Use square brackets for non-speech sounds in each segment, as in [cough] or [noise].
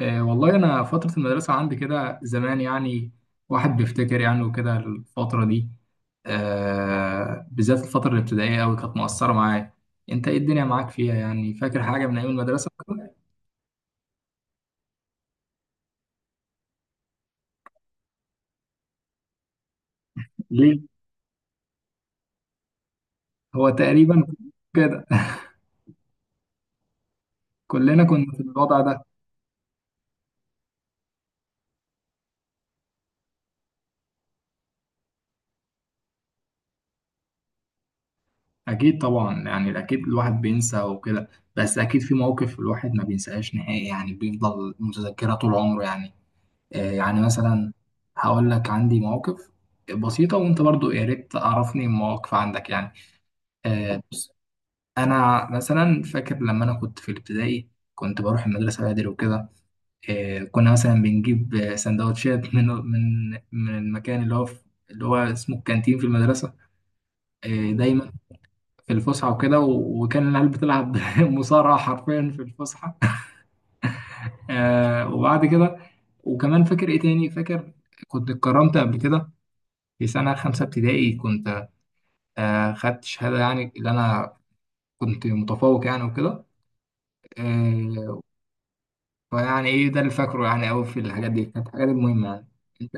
والله أنا فترة المدرسة عندي كده زمان يعني. واحد بيفتكر يعني وكده الفترة دي. بالذات الفترة الابتدائية أوي كانت مؤثرة معايا. أنت إيه الدنيا معاك فيها، يعني فاكر حاجة من أيام المدرسة؟ ليه؟ هو تقريبا كده. [laughs] كلنا كنا في الوضع ده. أكيد طبعا، يعني أكيد الواحد بينسى وكده. بس أكيد في مواقف الواحد ما بينساهاش نهائي، يعني بيفضل متذكرة طول عمره يعني. يعني مثلا هقول لك عندي مواقف بسيطة، وانت برضو يا ريت تعرفني مواقف عندك يعني. بص. انا مثلا فاكر لما انا كنت في الابتدائي، كنت بروح المدرسة بدري وكده. كنا مثلا بنجيب سندوتشات [laughs] من المكان اللي هو في، اللي هو اسمه الكانتين في المدرسة. دايما في الفسحة وكده، و- وكان العيال بتلعب [laughs] مصارعة حرفيا في الفسحة. وبعد كده وكمان فاكر ايه تاني فاكر، كنت اتكرمت قبل كده في سنة خمسة ابتدائي، كنت خدت شهادة، يعني اللي أنا كنت متفوق يعني وكده. آه، فيعني إيه ده اللي فاكره يعني أوي. في الحاجات دي كانت الحاجات المهمة يعني. أنت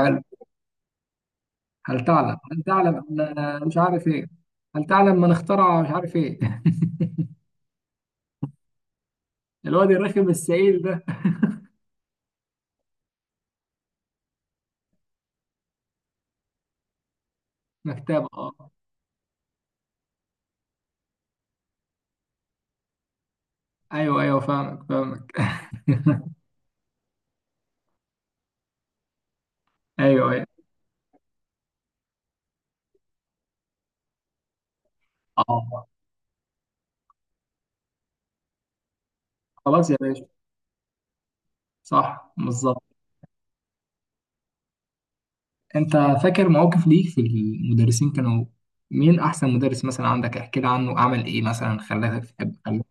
هل هل تعلم، هل تعلم أن مش عارف إيه، هل تعلم من اخترع مش عارف إيه. [laughs] الواد الرخم السعيد ده. مكتبة، أه. أيوه، أيوه، فاهمك، فاهمك. [laughs] أيوه، أيوه. أه، خلاص يا باشا. صح، بالظبط. انت فاكر مواقف ليك في المدرسين؟ كانوا مين احسن مدرس مثلا عندك؟ احكي لي عنه عمل ايه مثلا، خلاك تحب، خلاك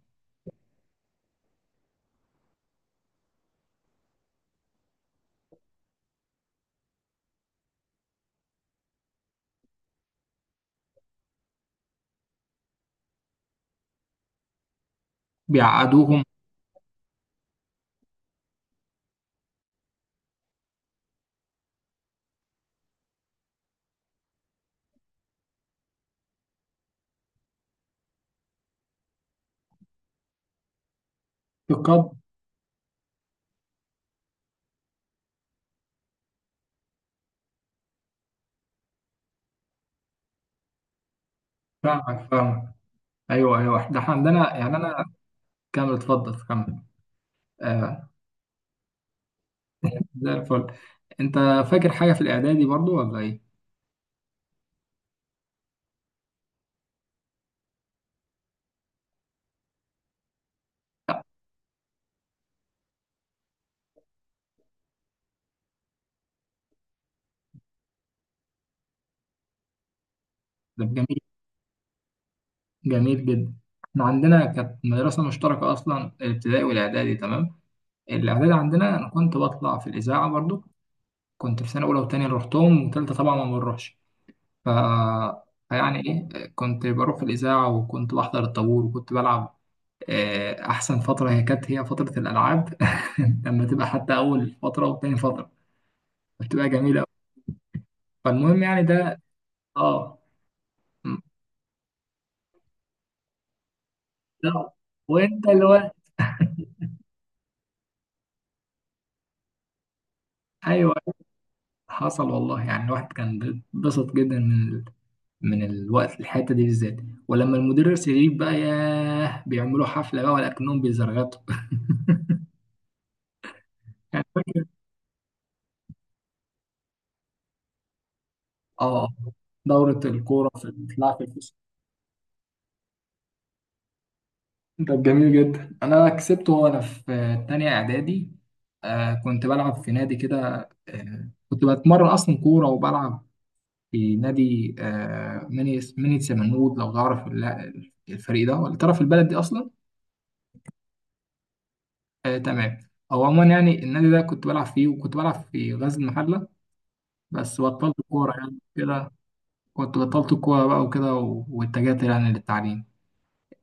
بيعقدوهم. بقدر. فاهمك، فاهمك. ايوه، ايوه، ده احنا عندنا يعني انا. كمل، اتفضل، كمل. آه زي الفل. انت فاكر حاجه في الاعدادي برضو، ولا ايه؟ ده جميل، جميل جدا. احنا عندنا كانت مدرسه مشتركه اصلا، الابتدائي والاعدادي، تمام. الاعدادي عندنا انا كنت بطلع في الاذاعه برضو. كنت في سنه اولى وثانيه اللي رحتهم، وثالثه طبعا ما بنروحش. ف يعني ايه، كنت بروح الاذاعه وكنت بحضر الطابور وكنت بلعب. احسن فتره، هي كانت هي فتره الالعاب. [laughs] لما تبقى حتى اول فتره وتاني فتره، بتبقى جميله أوي. فالمهم يعني ده. اه، م- ده، وانت اللي هو ايوه. حصل والله، يعني الواحد كان بسط جدا من الوقت، الحته دي بالذات. ولما المدرس يغيب بقى، ياه، بيعملوا حفله بقى، ولكنهم بيزرغطوا. [laughs] يعني فاكر. اه، دورة الكورة في بتلعب في الفسحة. طب جميل جدا، انا كسبته وانا في تانية اعدادي. كنت بلعب في نادي كده. كنت بتمرن اصلا كوره، وبلعب في نادي، ميني سمنود. لو تعرف ال- الفريق ده، ولا تعرف البلد دي اصلا؟ آه، تمام. او عموما، يعني النادي ده كنت بلعب فيه، وكنت بلعب في غزل المحله. بس بطلت الكوره يعني كده. كنت بطلت الكوره بقى وكده، و- واتجهت يعني للتعليم.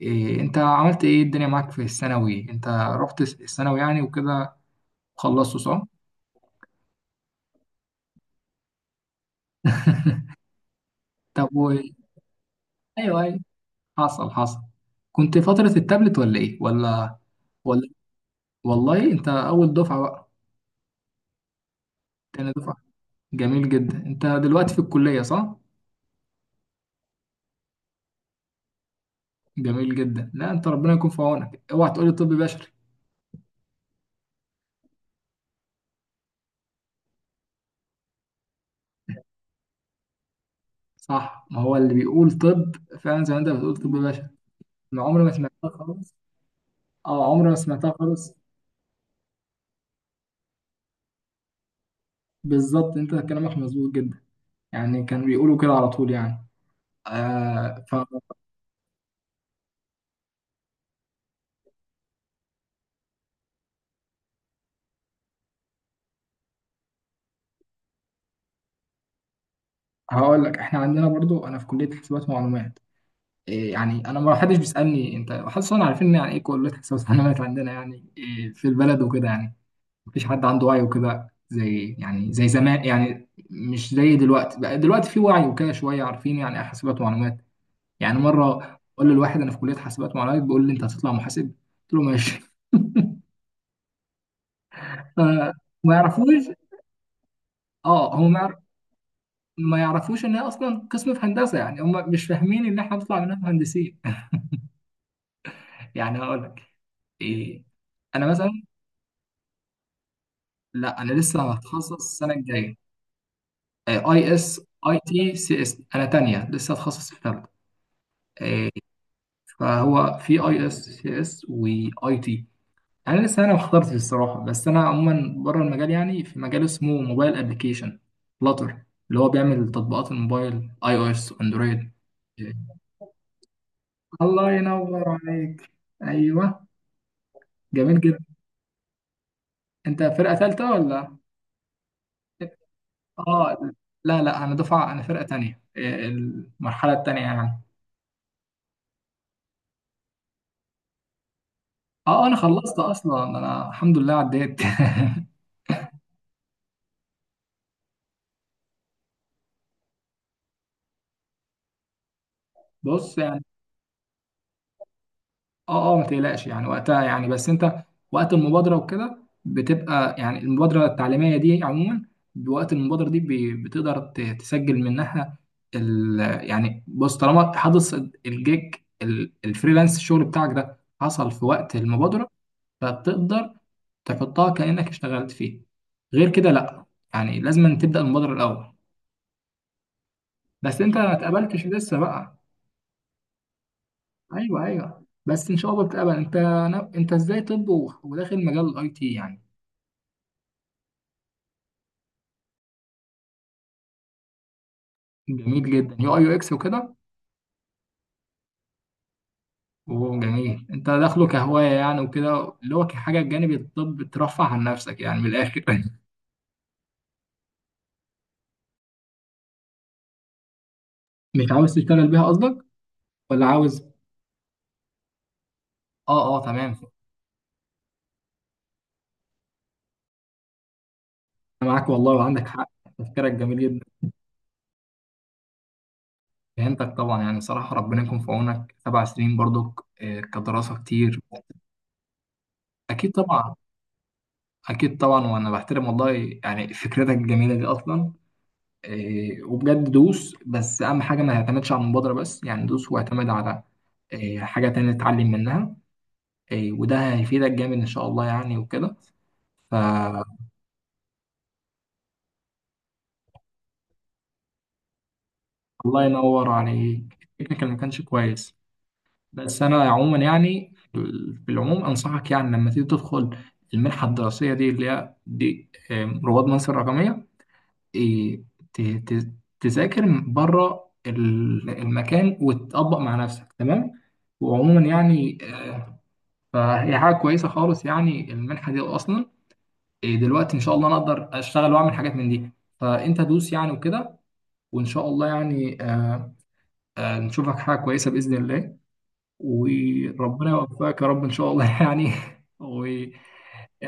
إيه انت عملت ايه، الدنيا معاك في الثانوي؟ انت رحت الثانوي يعني وكده، خلصته، صح؟ طب. ايوه، ايوه. حصل، حصل. كنت فترة التابلت ولا ايه، ولا؟ ولا والله انت اول دفعة بقى؟ تاني دفعة. جميل جدا. انت دلوقتي في الكلية، صح؟ جميل جدا. لا، انت ربنا يكون في عونك، اوعى تقولي طب بشري. صح، ما هو اللي بيقول طب فعلا زي ما انت بتقول طب بشري. انا عمري ما سمعتها خالص. اه، عمري ما سمعتها خالص. بالظبط، انت كلامك مظبوط جدا، يعني كانوا بيقولوا كده على طول يعني. آه فهقول لك احنا عندنا برضو، انا في كلية حسابات ومعلومات. إيه يعني، انا ما حدش بيسالني، انت حاسس انا عارفين يعني ايه كليه حساب ومعلومات عندنا، يعني إيه في البلد وكده يعني. مفيش حد عنده وعي وكده، زي زمان، يعني مش زي دلوقتي بقى. دلوقتي في وعي وكده شويه، عارفين يعني ايه حاسبات ومعلومات. يعني مره اقول للواحد انا في كليه حاسبات ومعلومات، بيقول لي انت هتطلع محاسب. قلت له ماشي. [laughs] ف- ما يعرفوش. اه، هم ما يعرفوش ان هي اصلا قسم في هندسه، يعني هم مش فاهمين ان احنا هنطلع منها مهندسين. [laughs] يعني هقول لك إيه. انا مثلا لا، انا لسه هتخصص السنه الجايه IS، IT، CS. انا تانية، لسه هتخصص في ثالثه. آه، فهو في IS، CS، and IT. انا لسه، انا ما اخترتش الصراحه، بس انا عموما بره المجال، يعني في مجال اسمه موبايل ابلكيشن، فلاتر، اللي هو بيعمل تطبيقات الموبايل، iOS، اندرويد. آه، الله ينور عليك. ايوه، جميل جدا. انت فرقه ثالثه، ولا؟ اه، لا، لا، انا دفعه، انا فرقه تانية، المرحله التانية يعني. اه. انا خلصت اصلا، انا الحمد لله عديت. [laughs] بص يعني. اه، اه، ما تقلقش يعني وقتها يعني، بس انت وقت المبادره وكده بتبقى، يعني المبادره التعليميه دي عموما، بوقت المبادره دي بتقدر تسجل منها ال يعني. بص، طالما حدث الجيج، ال- الفريلانس، الشغل بتاعك ده حصل في وقت المبادره، فبتقدر تحطها كانك اشتغلت فيه. غير كده لا، يعني لازم تبدا المبادره الاول. بس انت ما اتقبلتش لسه بقى. ايوه، ايوه، بس ان شاء الله بتقبل. انت انت ازاي طب، و- وداخل مجال الIT يعني؟ جميل جدا. UI، UX، وكده. وجميل، انت داخله كهوايه يعني وكده، اللي هو كحاجه جانب الطب، ترفع عن نفسك يعني من الاخر. [laughs] مش عاوز تشتغل بيها قصدك، ولا عاوز؟ اه، اه، تمام. انا معاك والله، وعندك حق. تفكيرك جميل جدا. فهمتك طبعا، يعني صراحه ربنا يكون في عونك. 7 سنين برضك كدراسه كتير. اكيد طبعا، اكيد طبعا، وانا بحترم والله يعني فكرتك الجميله دي اصلا. وبجد دوس، بس اهم حاجه ما يعتمدش على المبادره بس، يعني دوس واعتمد على حاجه تانية تتعلم منها. وده هيفيدك جامد ان شاء الله يعني وكده. فالله ينور عليك. التكنيكال ما كانش كويس، بس انا عموما يعني في العموم انصحك، يعني لما تيجي تدخل المنحه الدراسيه دي، اللي هي دي رواد مصر الرقميه، إيه، ت- ت- تذاكر بره المكان وتطبق مع نفسك، تمام. وعموما يعني. فهي حاجه كويسه خالص يعني، المنحه دي اصلا دلوقتي ان شاء الله انا اقدر اشتغل واعمل حاجات من دي. فانت دوس يعني وكده، وان شاء الله يعني. نشوفك حاجه كويسه باذن الله، وربنا يوفقك يا رب ان شاء الله. [laughs] يعني، ويا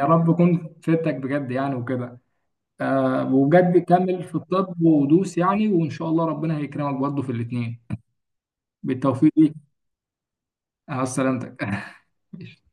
رب يكون فدتك بجد يعني وكده. وبجد كمل في الطب ودوس، يعني وان شاء الله ربنا هيكرمك برضه في الاثنين. بالتوفيق ليك. على سلامتك. [laughs]